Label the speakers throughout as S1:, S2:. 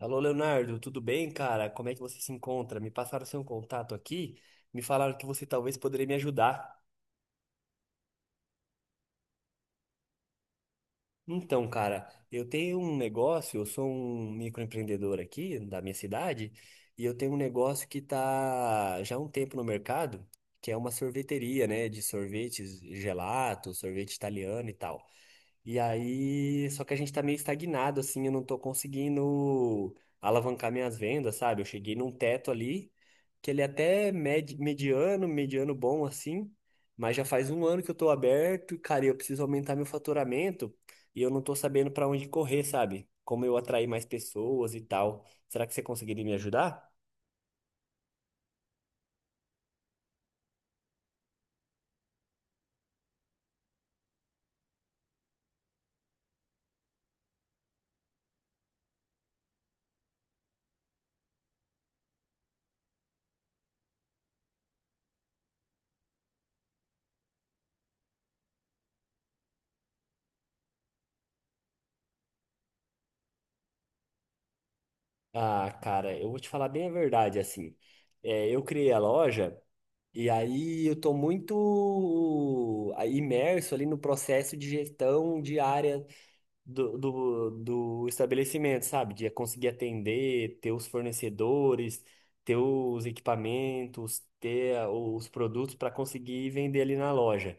S1: Alô, Leonardo, tudo bem, cara? Como é que você se encontra? Me passaram seu contato aqui, me falaram que você talvez poderia me ajudar. Então, cara, eu tenho um negócio, eu sou um microempreendedor aqui da minha cidade, e eu tenho um negócio que tá já há um tempo no mercado, que é uma sorveteria, né, de sorvetes, gelato, sorvete italiano e tal. E aí, só que a gente tá meio estagnado, assim, eu não tô conseguindo alavancar minhas vendas, sabe? Eu cheguei num teto ali, que ele é até mediano, mediano bom, assim, mas já faz um ano que eu tô aberto, e, cara, eu preciso aumentar meu faturamento e eu não tô sabendo pra onde correr, sabe? Como eu atrair mais pessoas e tal. Será que você conseguiria me ajudar? Ah, cara, eu vou te falar bem a verdade, assim. É, eu criei a loja. E aí eu estou muito imerso ali no processo de gestão diária do estabelecimento, sabe? De conseguir atender, ter os fornecedores, ter os equipamentos, ter os produtos para conseguir vender ali na loja.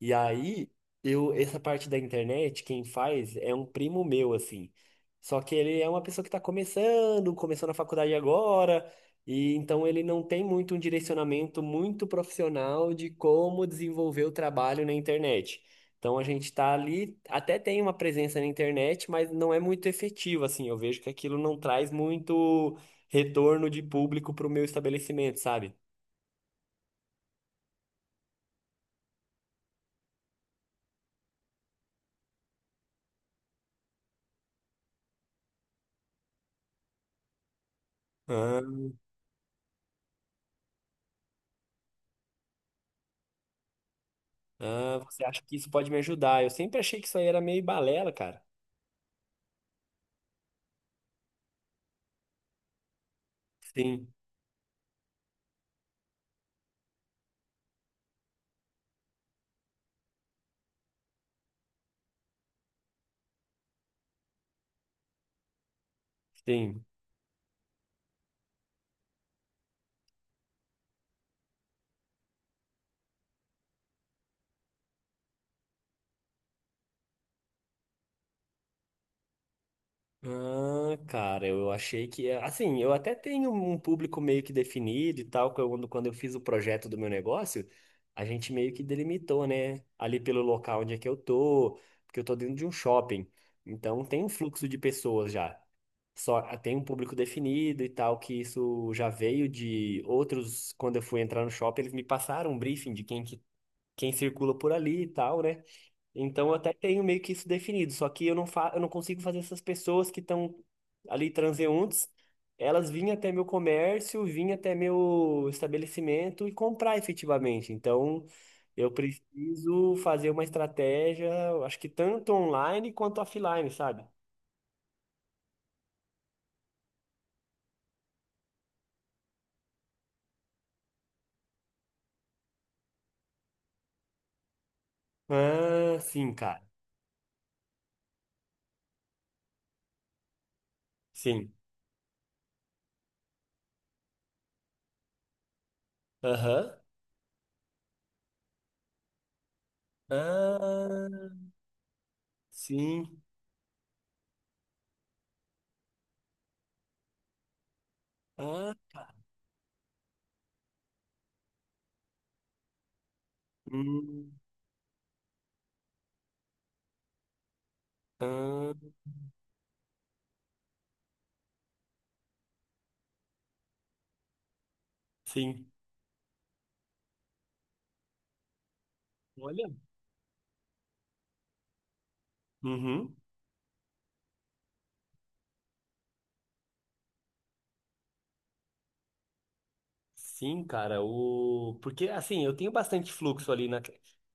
S1: E aí, eu, essa parte da internet, quem faz é um primo meu, assim. Só que ele é uma pessoa que está começando, começou na faculdade agora, e então ele não tem muito um direcionamento muito profissional de como desenvolver o trabalho na internet. Então a gente está ali, até tem uma presença na internet, mas não é muito efetiva, assim. Eu vejo que aquilo não traz muito retorno de público para o meu estabelecimento, sabe? Ah, você acha que isso pode me ajudar? Eu sempre achei que isso aí era meio balela, cara. Sim, sim. Ah, cara, eu achei que. É, assim, eu até tenho um público meio que definido e tal. Quando eu fiz o projeto do meu negócio, a gente meio que delimitou, né? Ali pelo local onde é que eu tô, porque eu tô dentro de um shopping. Então tem um fluxo de pessoas já. Só tem um público definido e tal, que isso já veio de outros. Quando eu fui entrar no shopping, eles me passaram um briefing de quem circula por ali e tal, né? Então eu até tenho meio que isso definido, só que eu não fa eu não consigo fazer essas pessoas que estão ali transeuntes, elas vinham até meu comércio, vinham até meu estabelecimento e comprar efetivamente. Então eu preciso fazer uma estratégia, eu acho que tanto online quanto offline, sabe? Ah, sim, cara. Sim. Aham. Ah, sim. Ah, hum. Ah, sim. Olha. Uhum. Sim, cara, o... porque assim, eu tenho bastante fluxo ali na...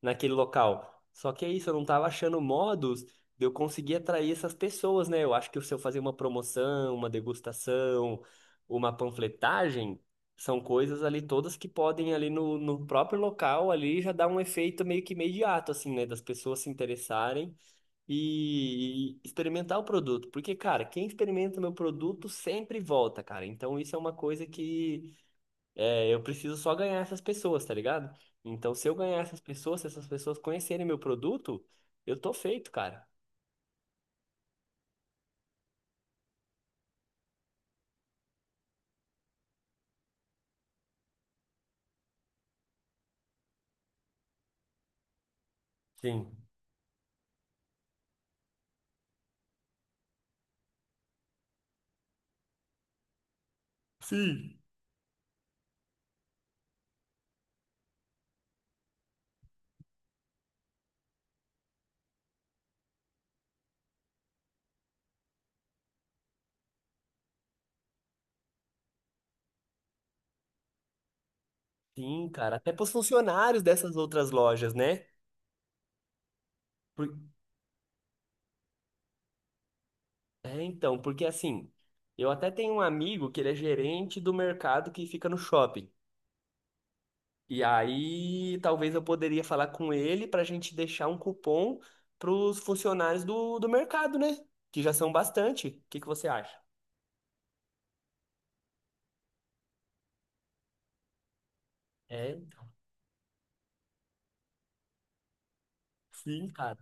S1: naquele local. Só que é isso, eu não tava achando modos de eu conseguir atrair essas pessoas, né? Eu acho que se eu fazer uma promoção, uma degustação, uma panfletagem, são coisas ali todas que podem ali no próprio local ali já dar um efeito meio que imediato, assim, né? Das pessoas se interessarem e experimentar o produto. Porque, cara, quem experimenta meu produto sempre volta, cara. Então isso é uma coisa que é, eu preciso só ganhar essas pessoas, tá ligado? Então, se eu ganhar essas pessoas, se essas pessoas conhecerem meu produto, eu tô feito, cara. Sim. Sim. Sim, cara. Até pros funcionários dessas outras lojas, né? Por- É, então, porque assim, eu até tenho um amigo que ele é gerente do mercado que fica no shopping. E aí, talvez eu poderia falar com ele pra gente deixar um cupom pros funcionários do mercado, né? Que já são bastante. O que que você acha? É, sim, cara.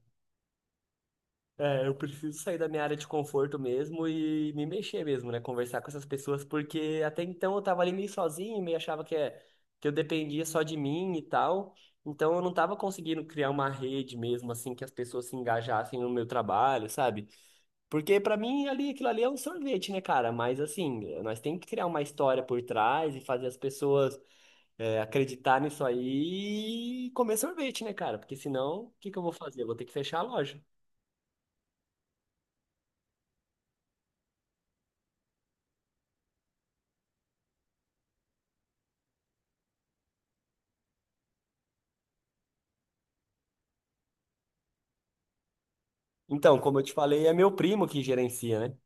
S1: É, eu preciso sair da minha área de conforto mesmo e me mexer mesmo, né? Conversar com essas pessoas, porque até então eu tava ali meio sozinho, meio achava que, é, que eu dependia só de mim e tal. Então eu não tava conseguindo criar uma rede mesmo, assim, que as pessoas se engajassem no meu trabalho, sabe? Porque pra mim ali, aquilo ali é um sorvete, né, cara? Mas assim, nós temos que criar uma história por trás e fazer as pessoas acreditar nisso aí e comer sorvete, né, cara? Porque senão, o que que eu vou fazer? Eu vou ter que fechar a loja. Então, como eu te falei, é meu primo que gerencia, né?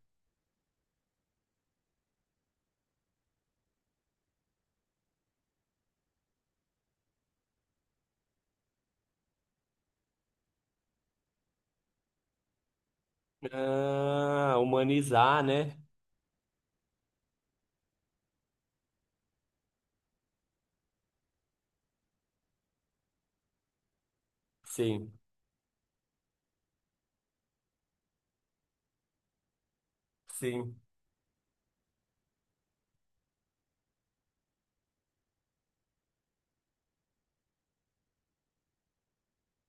S1: Ah, humanizar, né? Sim, sim.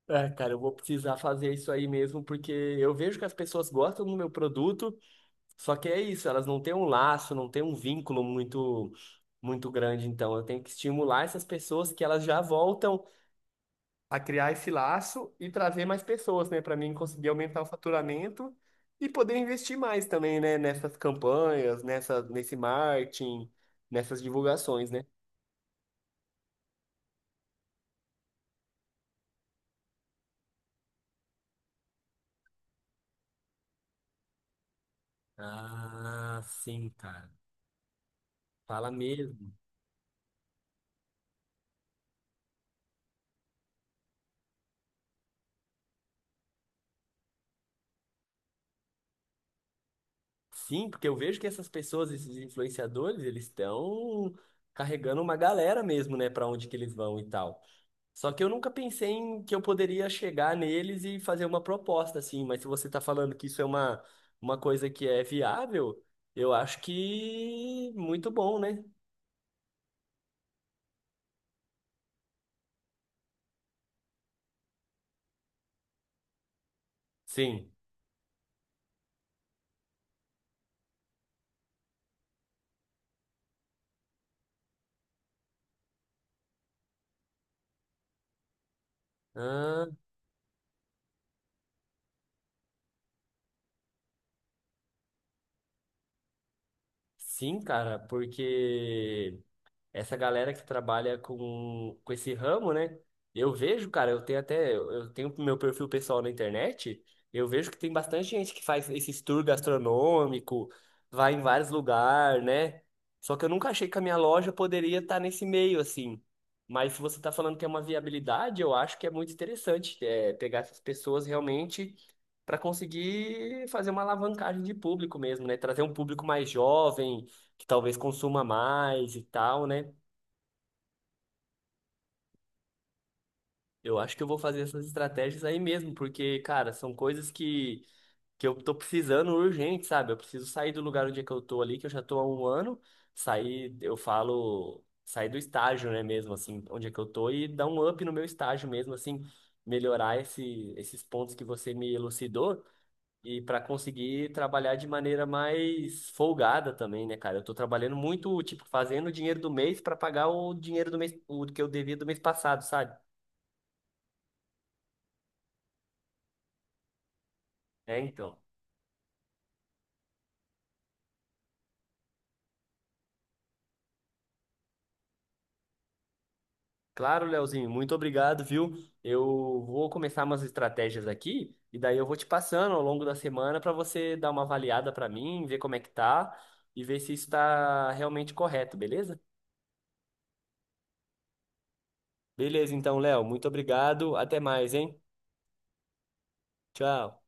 S1: É, cara, eu vou precisar fazer isso aí mesmo, porque eu vejo que as pessoas gostam do meu produto, só que é isso, elas não têm um laço, não têm um vínculo muito, muito grande. Então, eu tenho que estimular essas pessoas que elas já voltam. A criar esse laço e trazer mais pessoas, né, para mim conseguir aumentar o faturamento e poder investir mais também, né, nessas campanhas, nesse marketing, nessas divulgações, né? Ah, sim, cara. Fala mesmo. Sim, porque eu vejo que essas pessoas, esses influenciadores, eles estão carregando uma galera mesmo, né, para onde que eles vão e tal. Só que eu nunca pensei em que eu poderia chegar neles e fazer uma proposta assim, mas se você está falando que isso é uma coisa que é viável, eu acho que muito bom, né? Sim. Ah, sim, cara, porque essa galera que trabalha com esse ramo, né? Eu vejo, cara, eu tenho meu perfil pessoal na internet, eu vejo que tem bastante gente que faz esses tour gastronômico, vai em vários lugares, né? Só que eu nunca achei que a minha loja poderia estar nesse meio, assim. Mas se você está falando que é uma viabilidade, eu acho que é muito interessante, é, pegar essas pessoas realmente para conseguir fazer uma alavancagem de público mesmo, né? Trazer um público mais jovem, que talvez consuma mais e tal, né? Eu acho que eu vou fazer essas estratégias aí mesmo, porque, cara, são coisas que eu tô precisando urgente, sabe? Eu preciso sair do lugar onde é que eu tô ali, que eu já tô há um ano, sair, eu falo, sair do estágio, né, mesmo, assim, onde é que eu tô, e dar um up no meu estágio mesmo, assim, melhorar esses pontos que você me elucidou, e para conseguir trabalhar de maneira mais folgada também, né, cara? Eu tô trabalhando muito, tipo, fazendo o dinheiro do mês para pagar o dinheiro do mês, o que eu devia do mês passado, sabe? É, então. Claro, Leozinho, muito obrigado, viu? Eu vou começar umas estratégias aqui e daí eu vou te passando ao longo da semana para você dar uma avaliada para mim, ver como é que tá e ver se isso está realmente correto, beleza? Beleza, então, Léo, muito obrigado. Até mais, hein? Tchau.